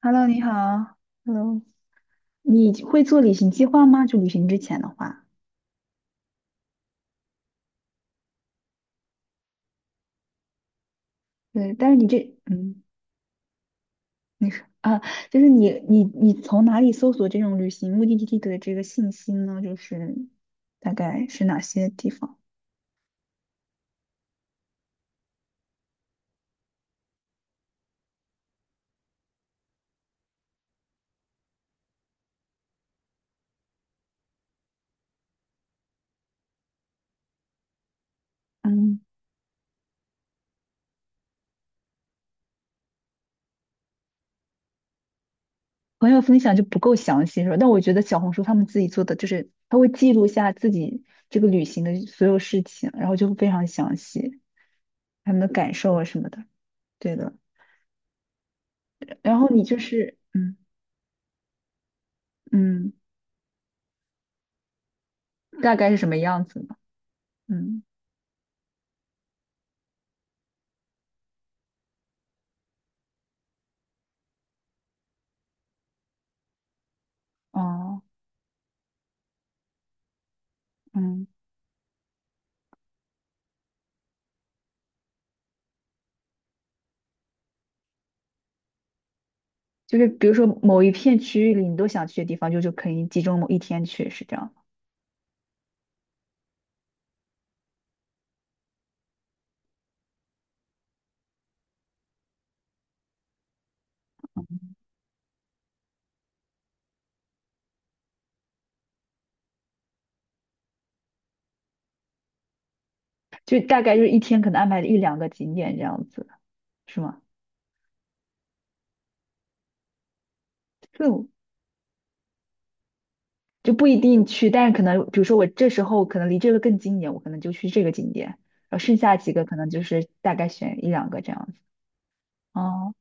Hello，你好。Hello，你会做旅行计划吗？就旅行之前的话，对，但是你这，嗯，你说，啊，就是你从哪里搜索这种旅行目的地的这个信息呢？就是大概是哪些地方？嗯，朋友分享就不够详细是吧？但我觉得小红书他们自己做的，就是他会记录下自己这个旅行的所有事情，然后就会非常详细，他们的感受啊什么的。对的。然后你就是嗯，大概是什么样子呢？嗯，哦，嗯，就是比如说某一片区域里你都想去的地方，就可以集中某一天去，是这样，就大概就是一天可能安排一两个景点这样子，是吗？就就不一定去，但是可能比如说我这时候可能离这个更近一点，我可能就去这个景点，然后剩下几个可能就是大概选一两个这样子。哦，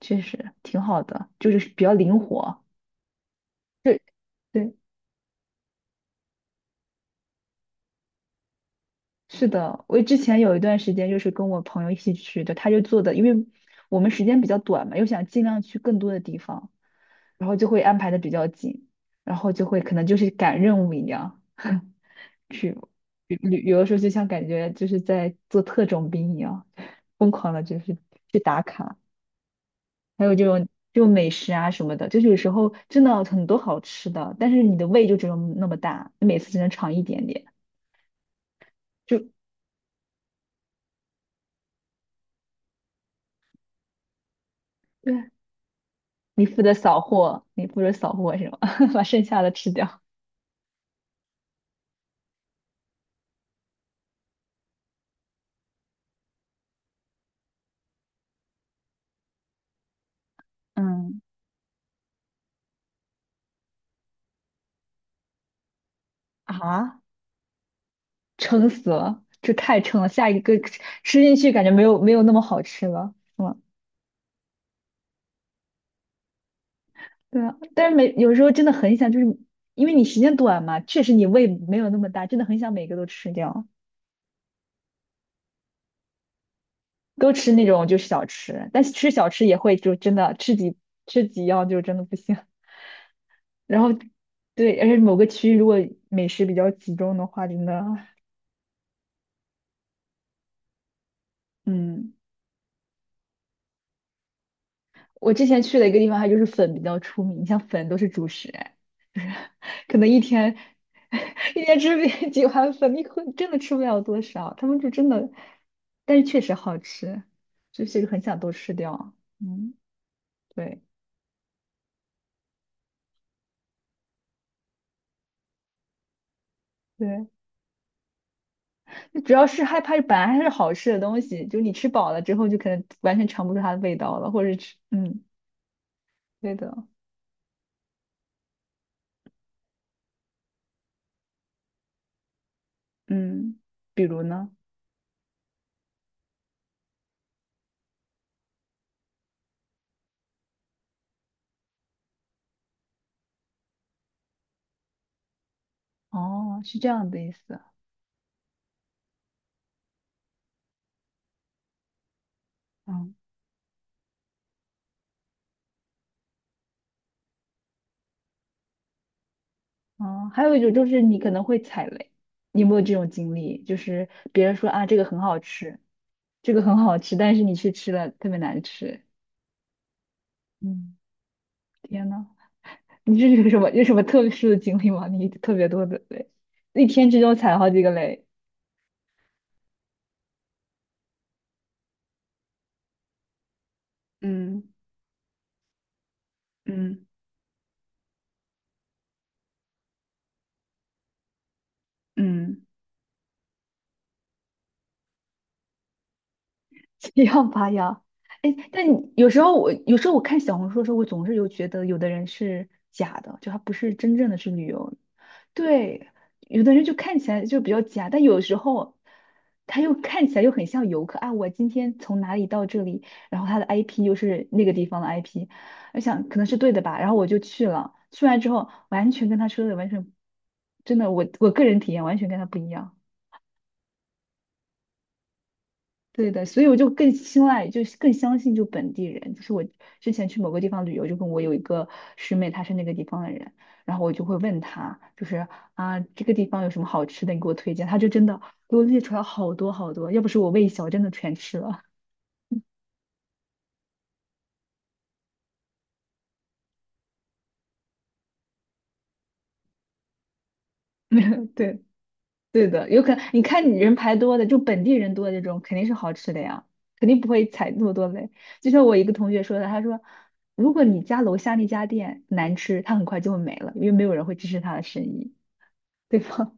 确实挺好的，就是比较灵活。对对，是的，我之前有一段时间就是跟我朋友一起去的，他就做的，因为我们时间比较短嘛，又想尽量去更多的地方，然后就会安排的比较紧，然后就会可能就是赶任务一样 去旅旅游的时候，就像感觉就是在做特种兵一样，疯狂的就是去打卡，还有这种就美食啊什么的，就是有时候真的很多好吃的，但是你的胃就只有那么大，你每次只能尝一点点，就对，你负责扫货，你负责扫货是吗？把剩下的吃掉。嗯，啊，撑死了，这太撑了。下一个吃进去，感觉没有那么好吃了，是吗？对啊，但是每有时候真的很想，就是因为你时间短嘛，确实你胃没有那么大，真的很想每个都吃掉，都吃那种就是小吃，但是吃小吃也会就真的吃几样就真的不行。然后对，而且某个区域如果美食比较集中的话，真的嗯我之前去的一个地方，它就是粉比较出名，像粉都是主食，哎，就是可能一天 一天吃 几碗粉，你可真的吃不了多少。他们就真的，但是确实好吃，就是很想都吃掉。嗯，对对，就主要是害怕本来还是好吃的东西，就你吃饱了之后，就可能完全尝不出它的味道了，或者吃，嗯，对的，嗯，比如呢？哦，是这样的意思，嗯。哦，还有一种就是你可能会踩雷，你有没有这种经历？就是别人说啊，这个很好吃，这个很好吃，但是你去吃了特别难吃。嗯，天呐，你这是有什么特殊的经历吗？你特别多的雷，一天之中踩好几个雷，嗯嗯嗯，七样八呀？哎，但你有时候我有时候我看小红书的时候，我总是有觉得有的人是假的，就他不是真正的去旅游，对，有的人就看起来就比较假，但有时候他又看起来又很像游客啊。我今天从哪里到这里，然后他的 IP 又是那个地方的 IP，我想可能是对的吧，然后我就去了。去完之后，完全跟他说的完全，真的，我个人体验完全跟他不一样。对的，所以我就更青睐，就是更相信就本地人。就是我之前去某个地方旅游，就跟我有一个师妹，她是那个地方的人，然后我就会问她，就是啊，这个地方有什么好吃的，你给我推荐。她就真的给我列出来好多好多，要不是我胃小，真的全吃了。对，对的，有可能你看你人排多的，就本地人多的这种，肯定是好吃的呀，肯定不会踩那么多雷。就像我一个同学说的，他说，如果你家楼下那家店难吃，他很快就会没了，因为没有人会支持他的生意。对吧？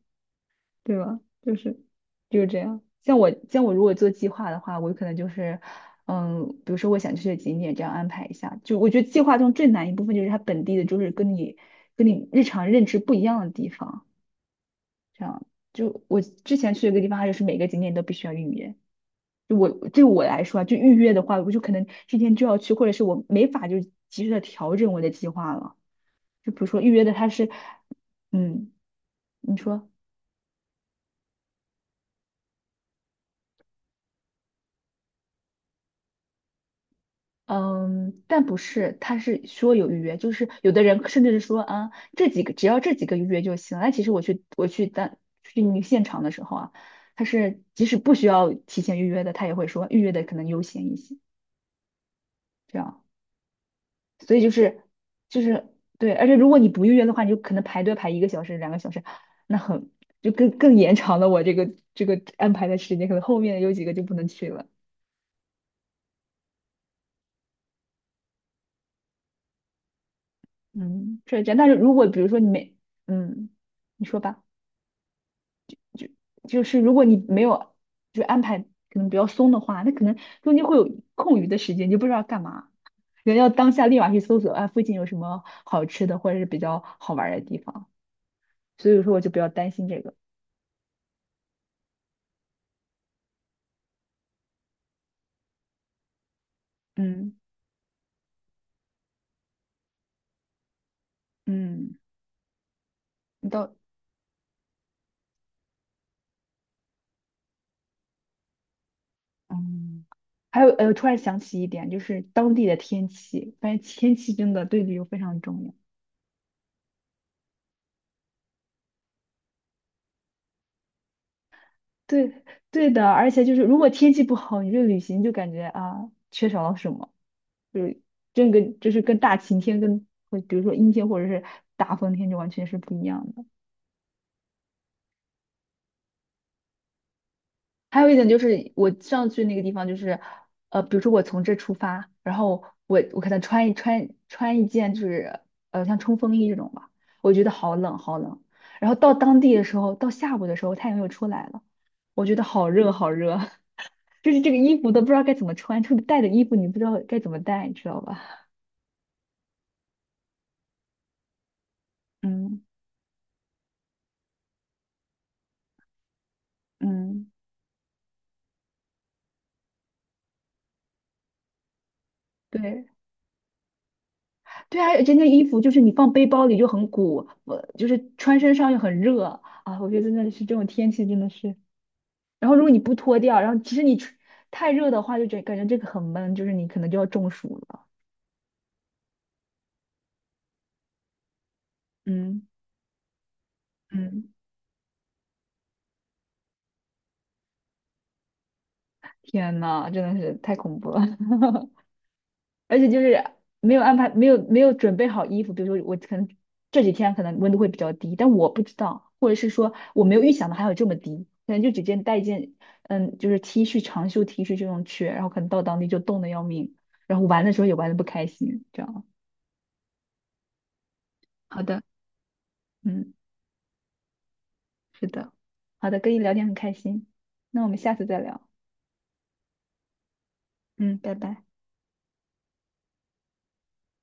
对吧？就是这样。像我如果做计划的话，我可能就是，嗯，比如说我想去的景点这样安排一下。就我觉得计划中最难一部分就是它本地的，就是跟你日常认知不一样的地方。这样，就我之前去的一个地方，它就是每个景点都必须要预约。就我对我来说啊，就预约的话，我就可能今天就要去，或者是我没法就及时的调整我的计划了。就比如说预约的它是，嗯，你说。嗯，但不是，他是说有预约，就是有的人甚至是说啊，这几个只要这几个预约就行。那其实我去当去那个现场的时候啊，他是即使不需要提前预约的，他也会说预约的可能优先一些，这样。所以就是对，而且如果你不预约的话，你就可能排队排一个小时、两个小时，那很就更延长了我这个安排的时间，可能后面有几个就不能去了。嗯，是这样。但是如果比如说你没嗯，你说吧。就是如果你没有就安排可能比较松的话，那可能中间会有空余的时间，你就不知道干嘛，人要当下立马去搜索啊附近有什么好吃的或者是比较好玩儿的地方，所以说我就比较担心这个。嗯嗯，你到嗯，还有突然想起一点，就是当地的天气，发现天气真的对旅游非常重要。对对的，而且就是如果天气不好，你这旅行就感觉啊缺少了什么。就是这个就是跟大晴天跟和比如说阴天或者是大风天就完全是不一样的。还有一点就是我上去那个地方就是，比如说我从这出发，然后我可能穿一件就是像冲锋衣这种吧，我觉得好冷好冷。然后到当地的时候，到下午的时候太阳又出来了，我觉得好热好热，就是这个衣服都不知道该怎么穿，这个带的衣服你不知道该怎么带，你知道吧？嗯嗯，对。对啊，而且那衣服就是你放背包里就很鼓，我就是穿身上又很热啊。我觉得真的是这种天气真的是，然后如果你不脱掉，然后其实你穿太热的话，就感觉这个很闷，就是你可能就要中暑了。嗯嗯，天呐，真的是太恐怖了。而且就是没有安排，没有准备好衣服，比如说我可能这几天可能温度会比较低，但我不知道，或者是说我没有预想到还有这么低，可能就直接带一件就是 T 恤长袖 T 恤这种去，然后可能到当地就冻得要命，然后玩的时候也玩的不开心，这样。好的，嗯，是的，好的，跟你聊天很开心，那我们下次再聊，嗯，拜拜。